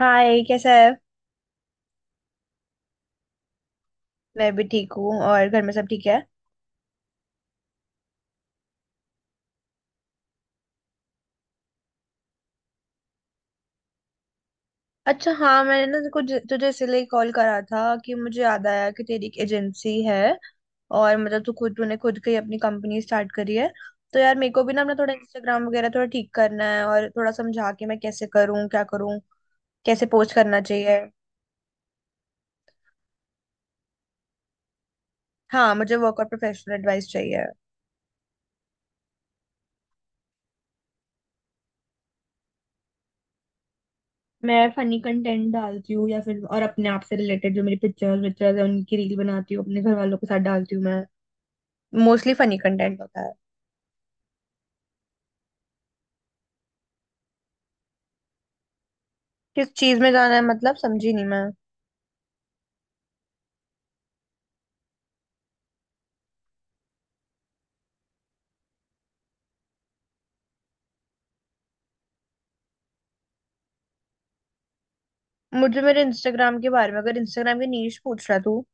हाय, कैसा है। मैं भी ठीक हूँ और घर में सब ठीक है। अच्छा, हाँ, मैंने ना कुछ तुझे इसलिए कॉल करा था कि मुझे याद आया कि तेरी एक एजेंसी है। और मतलब तू खुद तूने खुद की अपनी कंपनी स्टार्ट करी है। तो यार मेरे को भी ना अपना थोड़ा इंस्टाग्राम वगैरह थोड़ा ठीक करना है, और थोड़ा समझा के मैं कैसे करूँ क्या करूँ, कैसे पोस्ट करना चाहिए। हाँ, मुझे वर्क और प्रोफेशनल एडवाइस चाहिए। मैं फनी कंटेंट डालती हूँ, या फिर और अपने आप से रिलेटेड जो मेरी पिक्चर्स विक्चर्स है उनकी रील बनाती हूँ, अपने घर वालों के साथ डालती हूँ मैं। मोस्टली फनी कंटेंट होता है। किस चीज में जाना है, मतलब समझी नहीं मैं। मुझे मेरे इंस्टाग्राम के बारे में, अगर इंस्टाग्राम की नीश पूछ रहा तू।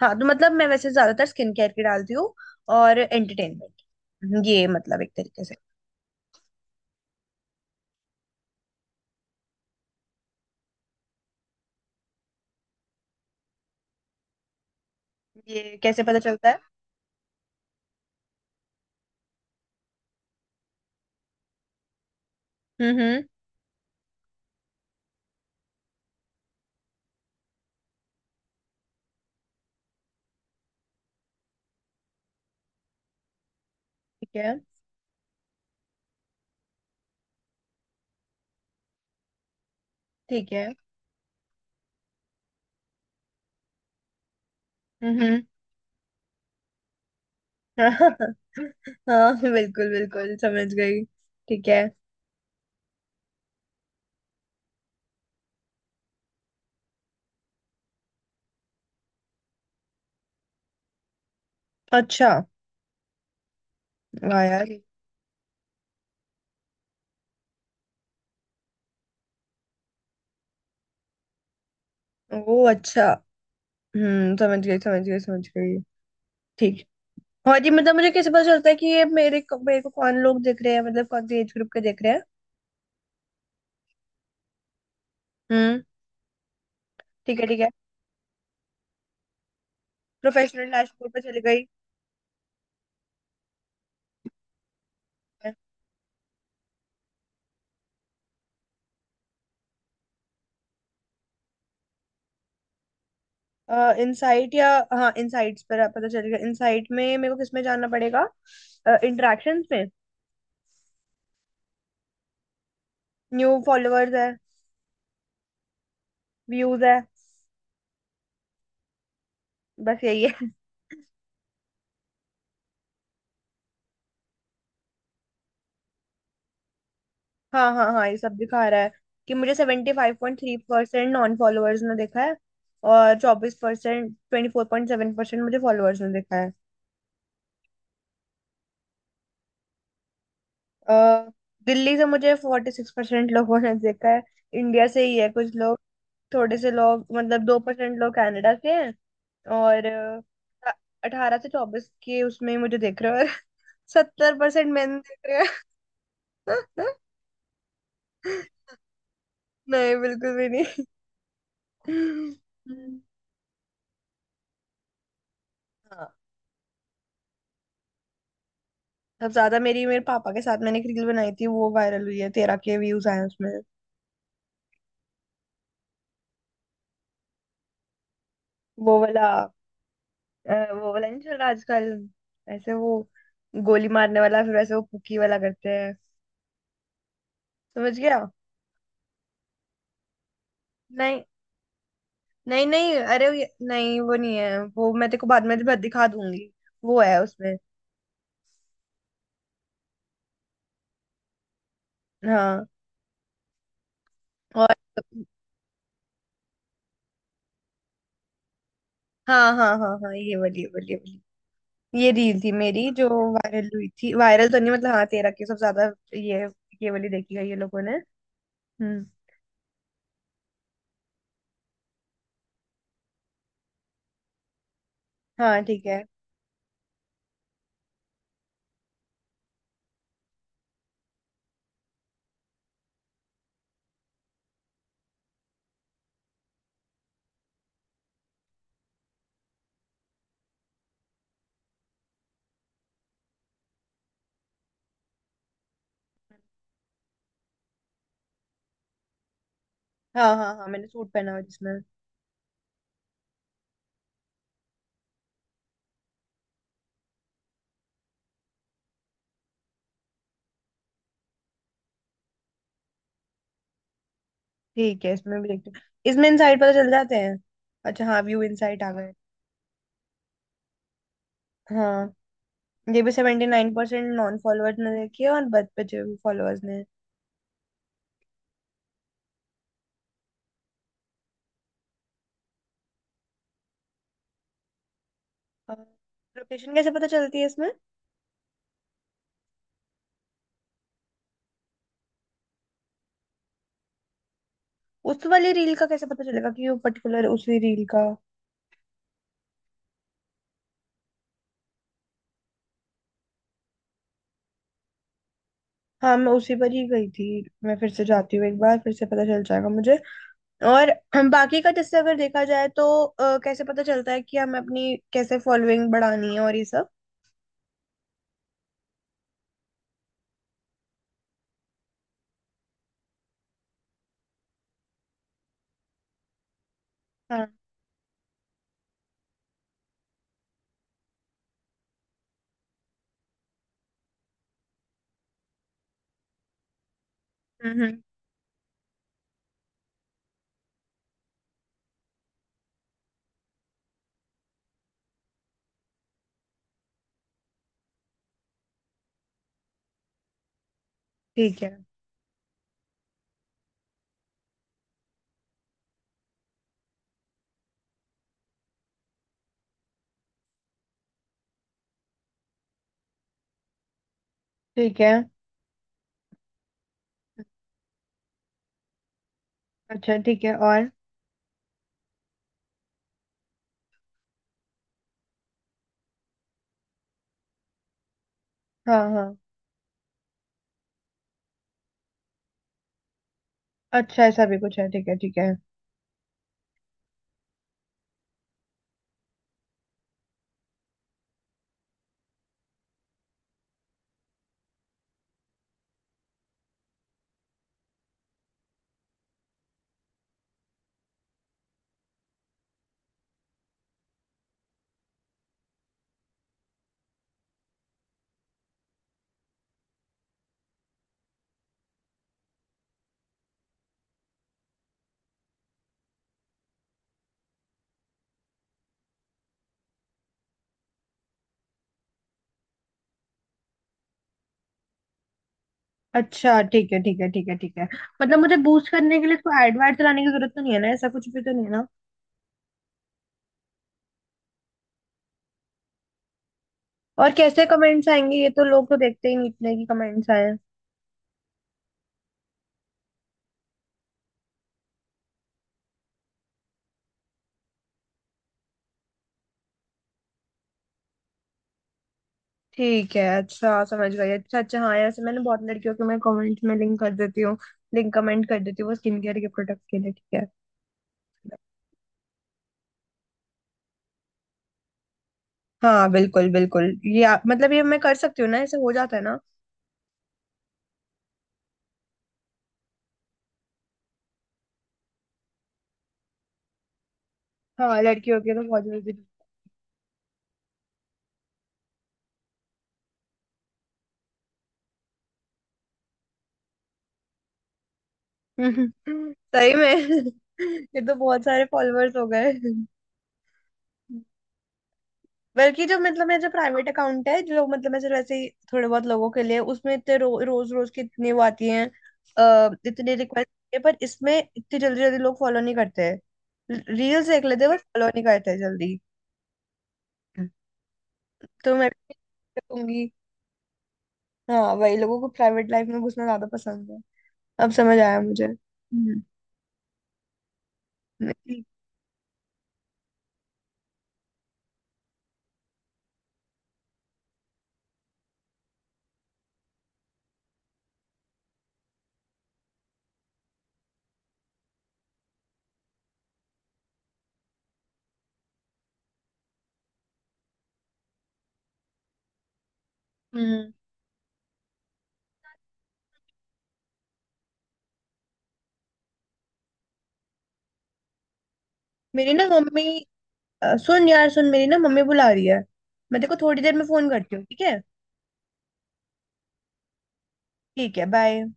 हाँ, तो मतलब मैं वैसे ज्यादातर स्किन केयर की डालती हूँ। और एंटरटेनमेंट, ये मतलब एक तरीके से। ये कैसे पता चलता है? हम्म, हम्म। ठीक है, ठीक है। हम्म, हम्म। हाँ, बिल्कुल बिल्कुल समझ गई। ठीक है। अच्छा। वाह यार। ओ अच्छा। समझ गई, समझ गई, समझ गई। ठीक। और ये मतलब मुझे कैसे पता चलता है कि ये मेरे को कौन लोग देख रहे हैं, मतलब कौन से एज ग्रुप के देख रहे हैं। हम्म। ठीक है, ठीक है। प्रोफेशनल डैशबोर्ड पे चली गई। इनसाइट या हाँ, इनसाइट्स पर पता चल गया। इनसाइट में मेरे को किस में जाना पड़ेगा, इंटरेक्शंस में? न्यू फॉलोअर्स है। व्यूज है। बस यही है। हाँ, हाँ, हाँ, ये सब दिखा रहा है। कि मुझे 75.3% नॉन फॉलोअर्स ने देखा है। और 24%, 24.7% मुझे फॉलोअर्स ने देखा है। अ, दिल्ली से मुझे 46% लोगों ने देखा है। इंडिया से ही है कुछ लोग। थोड़े से लोग, मतलब 2% लोग कनाडा से हैं। और 18 से 24 के, उसमें ही मुझे देख रहे हो। 70% मैंने देख रहे हो। नहीं, बिल्कुल भी नहीं। हम्म। हाँ। सबसे ज्यादा मेरी, मेरे पापा के साथ मैंने एक रील बनाई थी, वो वायरल हुई है, 13 के व्यूज आए हैं उसमें। वो वाला। वो वाला नहीं चल रहा आजकल। ऐसे वो गोली मारने वाला, फिर वैसे वो पुकी वाला करते हैं। समझ गया। नहीं, नहीं, नहीं, अरे वो नहीं, वो नहीं है। वो मैं तेरे को बाद में भी दिखा दूंगी। वो है उसमें। हाँ। और हाँ, हाँ, हाँ, हाँ, ये वाली, ये वाली, ये वाली। ये रील थी मेरी, जो वायरल हुई थी। वायरल तो नहीं, मतलब हाँ, तेरा की सब ज्यादा ये ये वाली देखी है ये लोगों ने। हम्म। हाँ। ठीक है। हाँ, हाँ, हाँ, मैंने सूट पहना हुआ जिसमें। ठीक है, इसमें भी देखते हैं। इसमें इनसाइड पता चल जाते हैं। अच्छा, हाँ, व्यू इनसाइट आ गए। हाँ। ये भी 79% नॉन फॉलोअर्स ने देखी है और बच बचे हुए फॉलोअर्स ने। लोकेशन कैसे पता चलती है इसमें? उस वाली रील का कैसे पता चलेगा कि वो पर्टिकुलर उसी रील का? हाँ, मैं उसी पर ही गई थी। मैं फिर से जाती हूँ, एक बार फिर से पता चल जाएगा मुझे। और हम बाकी का जैसे अगर देखा जाए, तो कैसे पता चलता है कि हमें अपनी कैसे फॉलोइंग बढ़ानी है और ये सब? हाँ। हम्म, हम्म। ठीक है, ठीक है। अच्छा, ठीक है। और हाँ, हाँ। अच्छा, ऐसा भी कुछ है? ठीक है, ठीक है। अच्छा, ठीक है, ठीक है, ठीक है, ठीक है। मतलब मुझे बूस्ट करने के लिए तो एड वाड चलाने की जरूरत तो नहीं है ना, ऐसा कुछ भी तो नहीं है ना? और कैसे कमेंट्स आएंगे, ये तो लोग तो देखते ही नहीं इतने की कमेंट्स आए हैं। ठीक है, अच्छा समझ गई। अच्छा, अच्छा, हाँ, ऐसे मैंने बहुत लड़कियों के मैं कमेंट्स में लिंक कर देती हूँ। लिंक कमेंट कर देती हूँ वो स्किन केयर के प्रोडक्ट के लिए। ठीक है। हाँ, बिल्कुल बिल्कुल, ये आप मतलब ये मैं कर सकती हूँ ना, ऐसे हो जाता है ना? हाँ, लड़कियों के तो बहुत जल्दी। सही में। ये तो बहुत सारे फॉलोअर्स हो गए। बल्कि जो मतलब मेरा जो प्राइवेट अकाउंट है, जो मतलब मैं सिर्फ ऐसे ही थोड़े बहुत लोगों के लिए, उसमें इतने रोज रोज की इतनी वो आती हैं। इतनी रिक्वेस्ट है, पर इसमें इतनी जल्दी जल्दी लोग फॉलो नहीं करते हैं, रील्स देख लेते हैं बस, फॉलो नहीं करते हैं जल्दी। तो मैं भी कहूंगी, हाँ वही, लोगों को प्राइवेट लाइफ में घुसना ज्यादा पसंद है। अब समझ आया मुझे। हम्म। मेरी हम्म मेरी ना मम्मी, सुन यार सुन, मेरी ना मम्मी बुला रही है। मैं तेरे को थोड़ी देर में फोन करती हूँ, ठीक है? ठीक है, बाय।